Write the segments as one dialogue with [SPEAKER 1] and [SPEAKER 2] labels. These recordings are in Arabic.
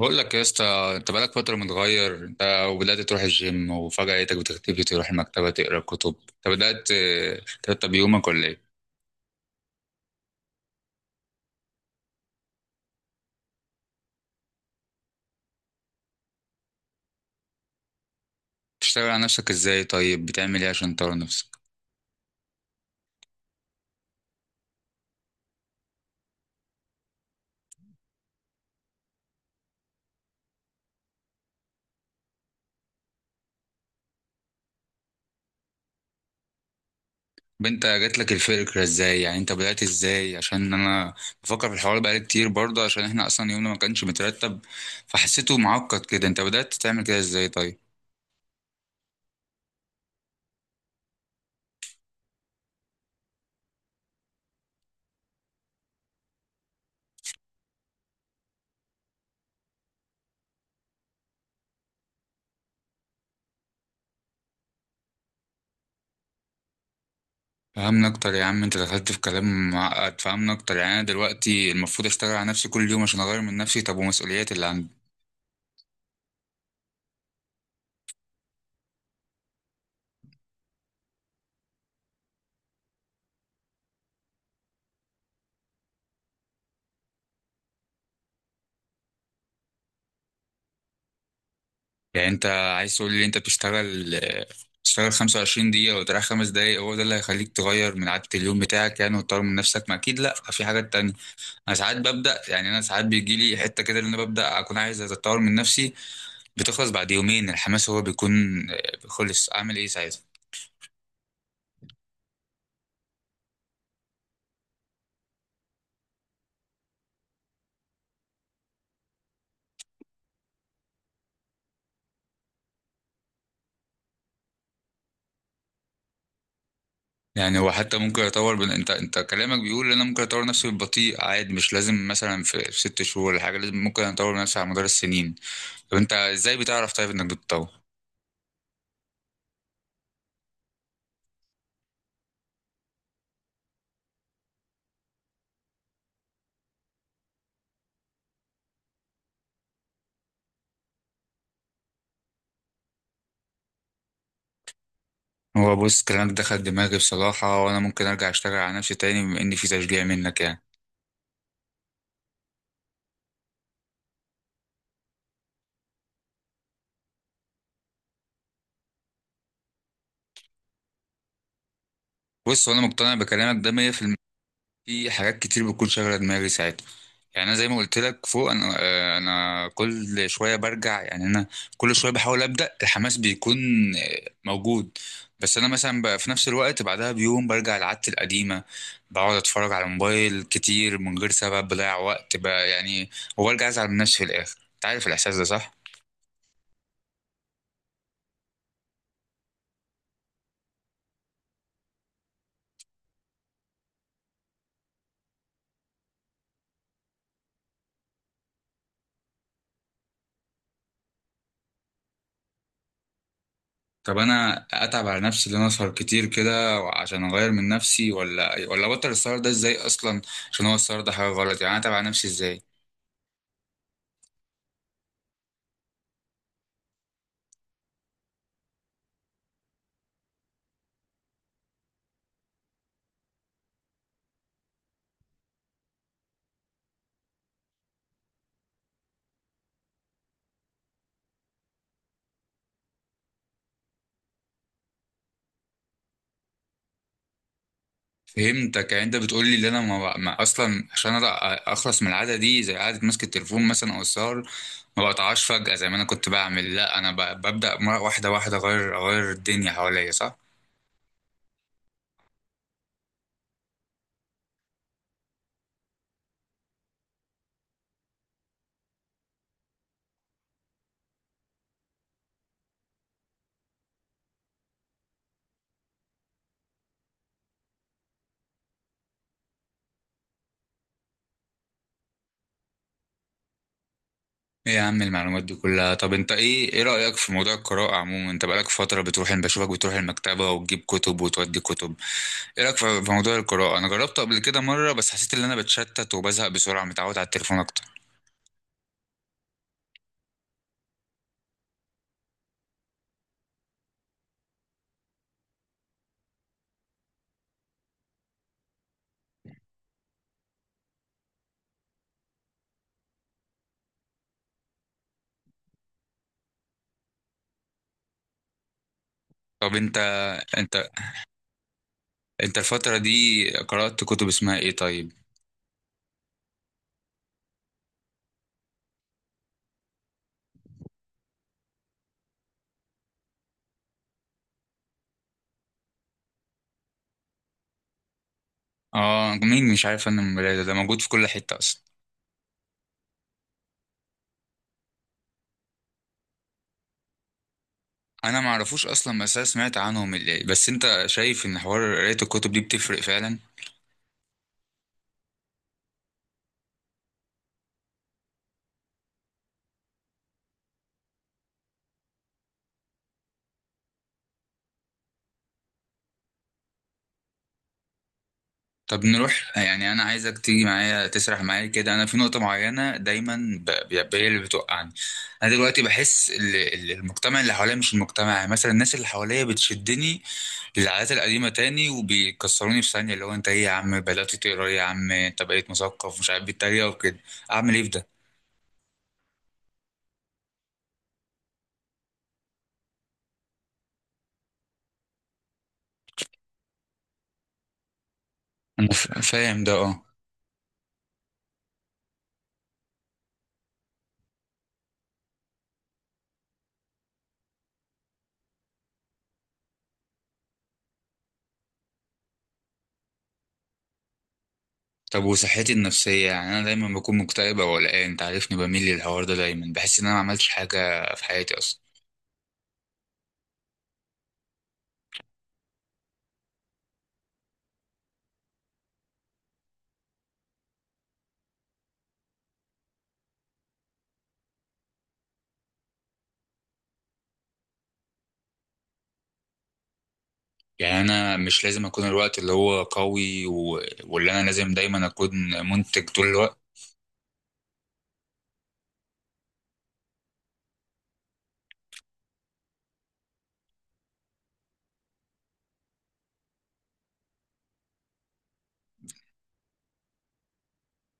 [SPEAKER 1] بقول لك يا اسطى، انت بقالك فتره متغير. وبدات تروح الجيم، وفجاه لقيتك بتختفي تروح المكتبه تقرا كتب. انت بدات ترتب يومك ولا ايه؟ بتشتغل على نفسك ازاي طيب؟ بتعمل ايه عشان تطور نفسك؟ طب انت جات لك الفكره ازاي؟ يعني انت بدات ازاي؟ عشان انا بفكر في الحوار بقالي كتير برضه، عشان احنا اصلا يومنا ما كانش مترتب، فحسيته معقد كده. انت بدات تعمل كده ازاي طيب؟ فهمنا اكتر يا عم، انت دخلت في كلام معقد. فهمنا اكتر، يعني انا دلوقتي المفروض اشتغل على نفسي كل يوم عشان اغير من نفسي؟ طب ومسؤوليات اللي عندي؟ يعني انت عايز تقول لي انت بتشتغل 25 دقيقة وتريح خمس دقايق، هو ده اللي هيخليك تغير من عادة اليوم بتاعك يعني وتطور من نفسك؟ ما اكيد لا، في حاجات تانية. انا ساعات ببدأ، يعني انا ساعات بيجي لي حتة كده اللي انا ببدأ اكون عايز اتطور من نفسي، بتخلص بعد يومين الحماس هو بيكون خلص. اعمل ايه ساعتها؟ يعني هو حتى ممكن اطور انت كلامك بيقول ان انا ممكن اطور نفسي بالبطيء عادي، مش لازم مثلا في ست شهور ولا حاجه لازم، ممكن اطور نفسي على مدار السنين. طب انت ازاي بتعرف طيب انك بتطور؟ هو بص، كلامك دخل دماغي بصراحة، وأنا ممكن أرجع أشتغل على نفسي تاني بما إن في تشجيع منك يعني. بص، وأنا مقتنع بكلامك ده 100% في المية. في حاجات كتير بتكون شاغلة دماغي ساعتها. يعني أنا زي ما قلت لك فوق، أنا أنا كل شوية برجع. يعني أنا كل شوية بحاول أبدأ، الحماس بيكون موجود. بس أنا مثلا بقى في نفس الوقت بعدها بيوم برجع لعادتي القديمة، بقعد أتفرج على الموبايل كتير من غير سبب، بضيع وقت بقى يعني، وبرجع أزعل من نفسي في الآخر. أنت عارف الإحساس ده صح؟ طب انا اتعب على نفسي ان انا اسهر كتير كده عشان اغير من نفسي، ولا ابطل السهر ده؟ ازاي اصلا؟ عشان هو السهر ده حاجه غلط، يعني انا اتعب على نفسي ازاي؟ فهمتك، يعني انت بتقول لي ان انا ما اصلا، عشان أنا اخلص من العاده دي زي قعده ماسك التليفون مثلا او السهر، ما بقطعهاش فجاه زي ما انا كنت بعمل، لا انا ببدا واحده واحده اغير، الدنيا حواليا، صح؟ ايه يا عم المعلومات دي كلها! طب انت ايه رايك في موضوع القراءه عموما؟ انت بقالك فتره بتروح، انا بشوفك بتروح المكتبه وتجيب كتب وتودي كتب. ايه رايك في موضوع القراءه؟ انا جربته قبل كده مره، بس حسيت ان انا بتشتت وبزهق بسرعه، متعود على التليفون اكتر. طب انت انت الفتره دي قرات كتب اسمها ايه طيب؟ اه، مين مش عارف انا المرايه؟ ده موجود في كل حته اصلا. انا ما اعرفوش اصلا، بس انا سمعت عنهم اللي. بس انت شايف ان حوار قرايه الكتب دي بتفرق فعلا؟ طب نروح، يعني انا عايزك تيجي معايا تسرح معايا كده. انا في نقطه معينه دايما هي اللي بتوقعني. انا دلوقتي بحس المجتمع اللي حواليا، مش المجتمع، يعني مثلا الناس اللي حواليا بتشدني العادات القديمة تاني، وبيكسروني في ثانية، اللي هو: انت ايه يا عم بدأت تقرا، إيه يا عم انت بقيت مثقف، مش عارف بيتريقوا وكده. اعمل ايه في ده؟ انا فاهم ده، اه. طب وصحتي النفسية؟ يعني انا دايما بكون مكتئب او قلقان، انت عارفني بميل للحوار ده، دايما بحس ان انا ما عملتش حاجة في حياتي اصلا. يعني انا مش لازم اكون الوقت اللي هو قوي واللي انا لازم دايما اكون منتج طول الوقت؟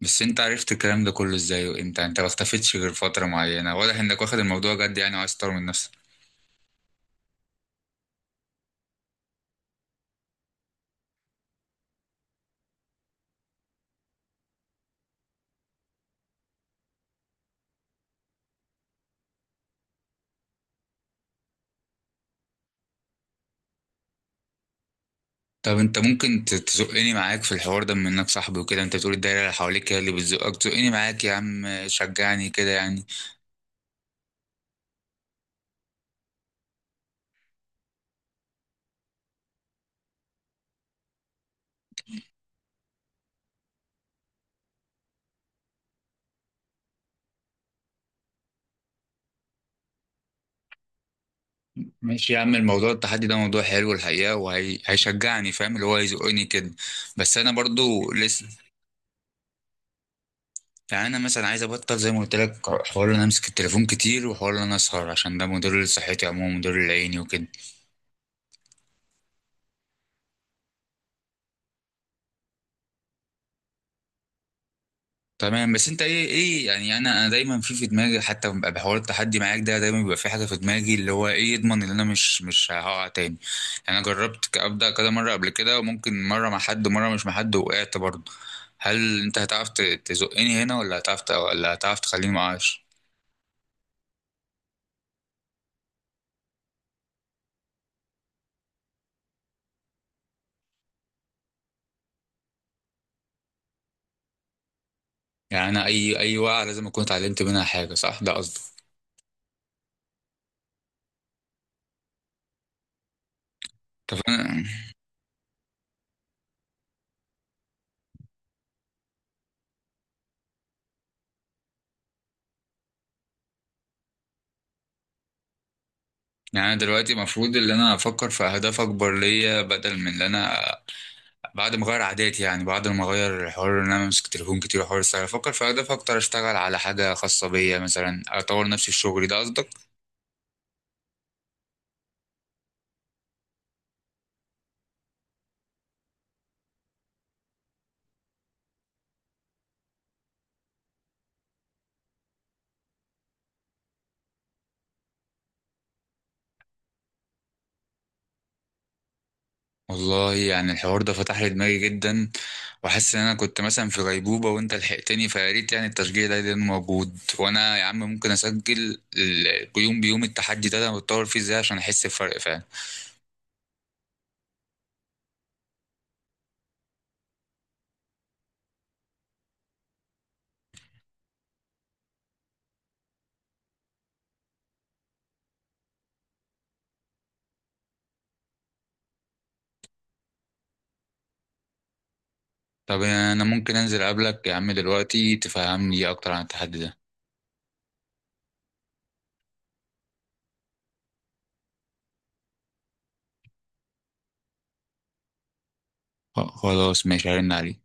[SPEAKER 1] بس انت عرفت الكلام ده كله ازاي وامتى؟ انت ما اختفيتش غير فترة معينة، واضح انك واخد الموضوع جد يعني، وعايز تطور من نفسك. طب انت ممكن تزقني معاك في الحوار ده بما انك صاحبي وكده؟ انت بتقول الدايره اللي حواليك هي اللي بتزقك، زقني معاك يا عم، شجعني كده يعني. ماشي يا عم، الموضوع التحدي ده موضوع حلو الحقيقه، وهيشجعني، فاهم اللي هو هيزقني كده. بس انا برضو لسه، يعني انا مثلا عايز ابطل زي ما قلت لك، حوار ان انا امسك التليفون كتير، وحوار ان انا اسهر، عشان ده مضر لصحتي عموما، مضر لعيني وكده. تمام، بس انت ايه يعني؟ انا دايما في دماغي حتى ببقى بحوار التحدي معاك ده، دايما بيبقى في حاجه في دماغي اللي هو ايه يضمن ان انا مش هقع تاني؟ يعني انا جربت ابدا كذا مره قبل كده، وممكن مره مع حد ومره مش مع حد، وقعت برضه. هل انت هتعرف تزقني هنا، ولا هتعرف ولا هتعرف تخليني ما اقعش؟ يعني انا اي وقعه لازم اكون اتعلمت منها حاجه صح؟ ده قصدي. طب انا، يعني أنا دلوقتي المفروض ان انا افكر في اهداف اكبر ليا بدل من ان انا بعد ما اغير عاداتي، يعني بعد ما اغير حوار ان انا امسك تليفون كتير وحوار السهر، افكر في اهداف اكتر، اشتغل على حاجه خاصه بيا مثلا، اطور نفسي في شغلي، ده قصدك؟ والله يعني الحوار ده فتح لي دماغي جدا، وحاسس ان انا كنت مثلا في غيبوبه وانت لحقتني فيا. ريت يعني التشجيع ده يكون موجود. وانا يا عم ممكن اسجل يوم بيوم التحدي ده انا بتطور فيه ازاي عشان احس بفرق فعلا. طب انا ممكن انزل اقابلك يا عم دلوقتي تفهمني اكتر عن التحدي ده؟ خلاص ماشي، هرن عليك.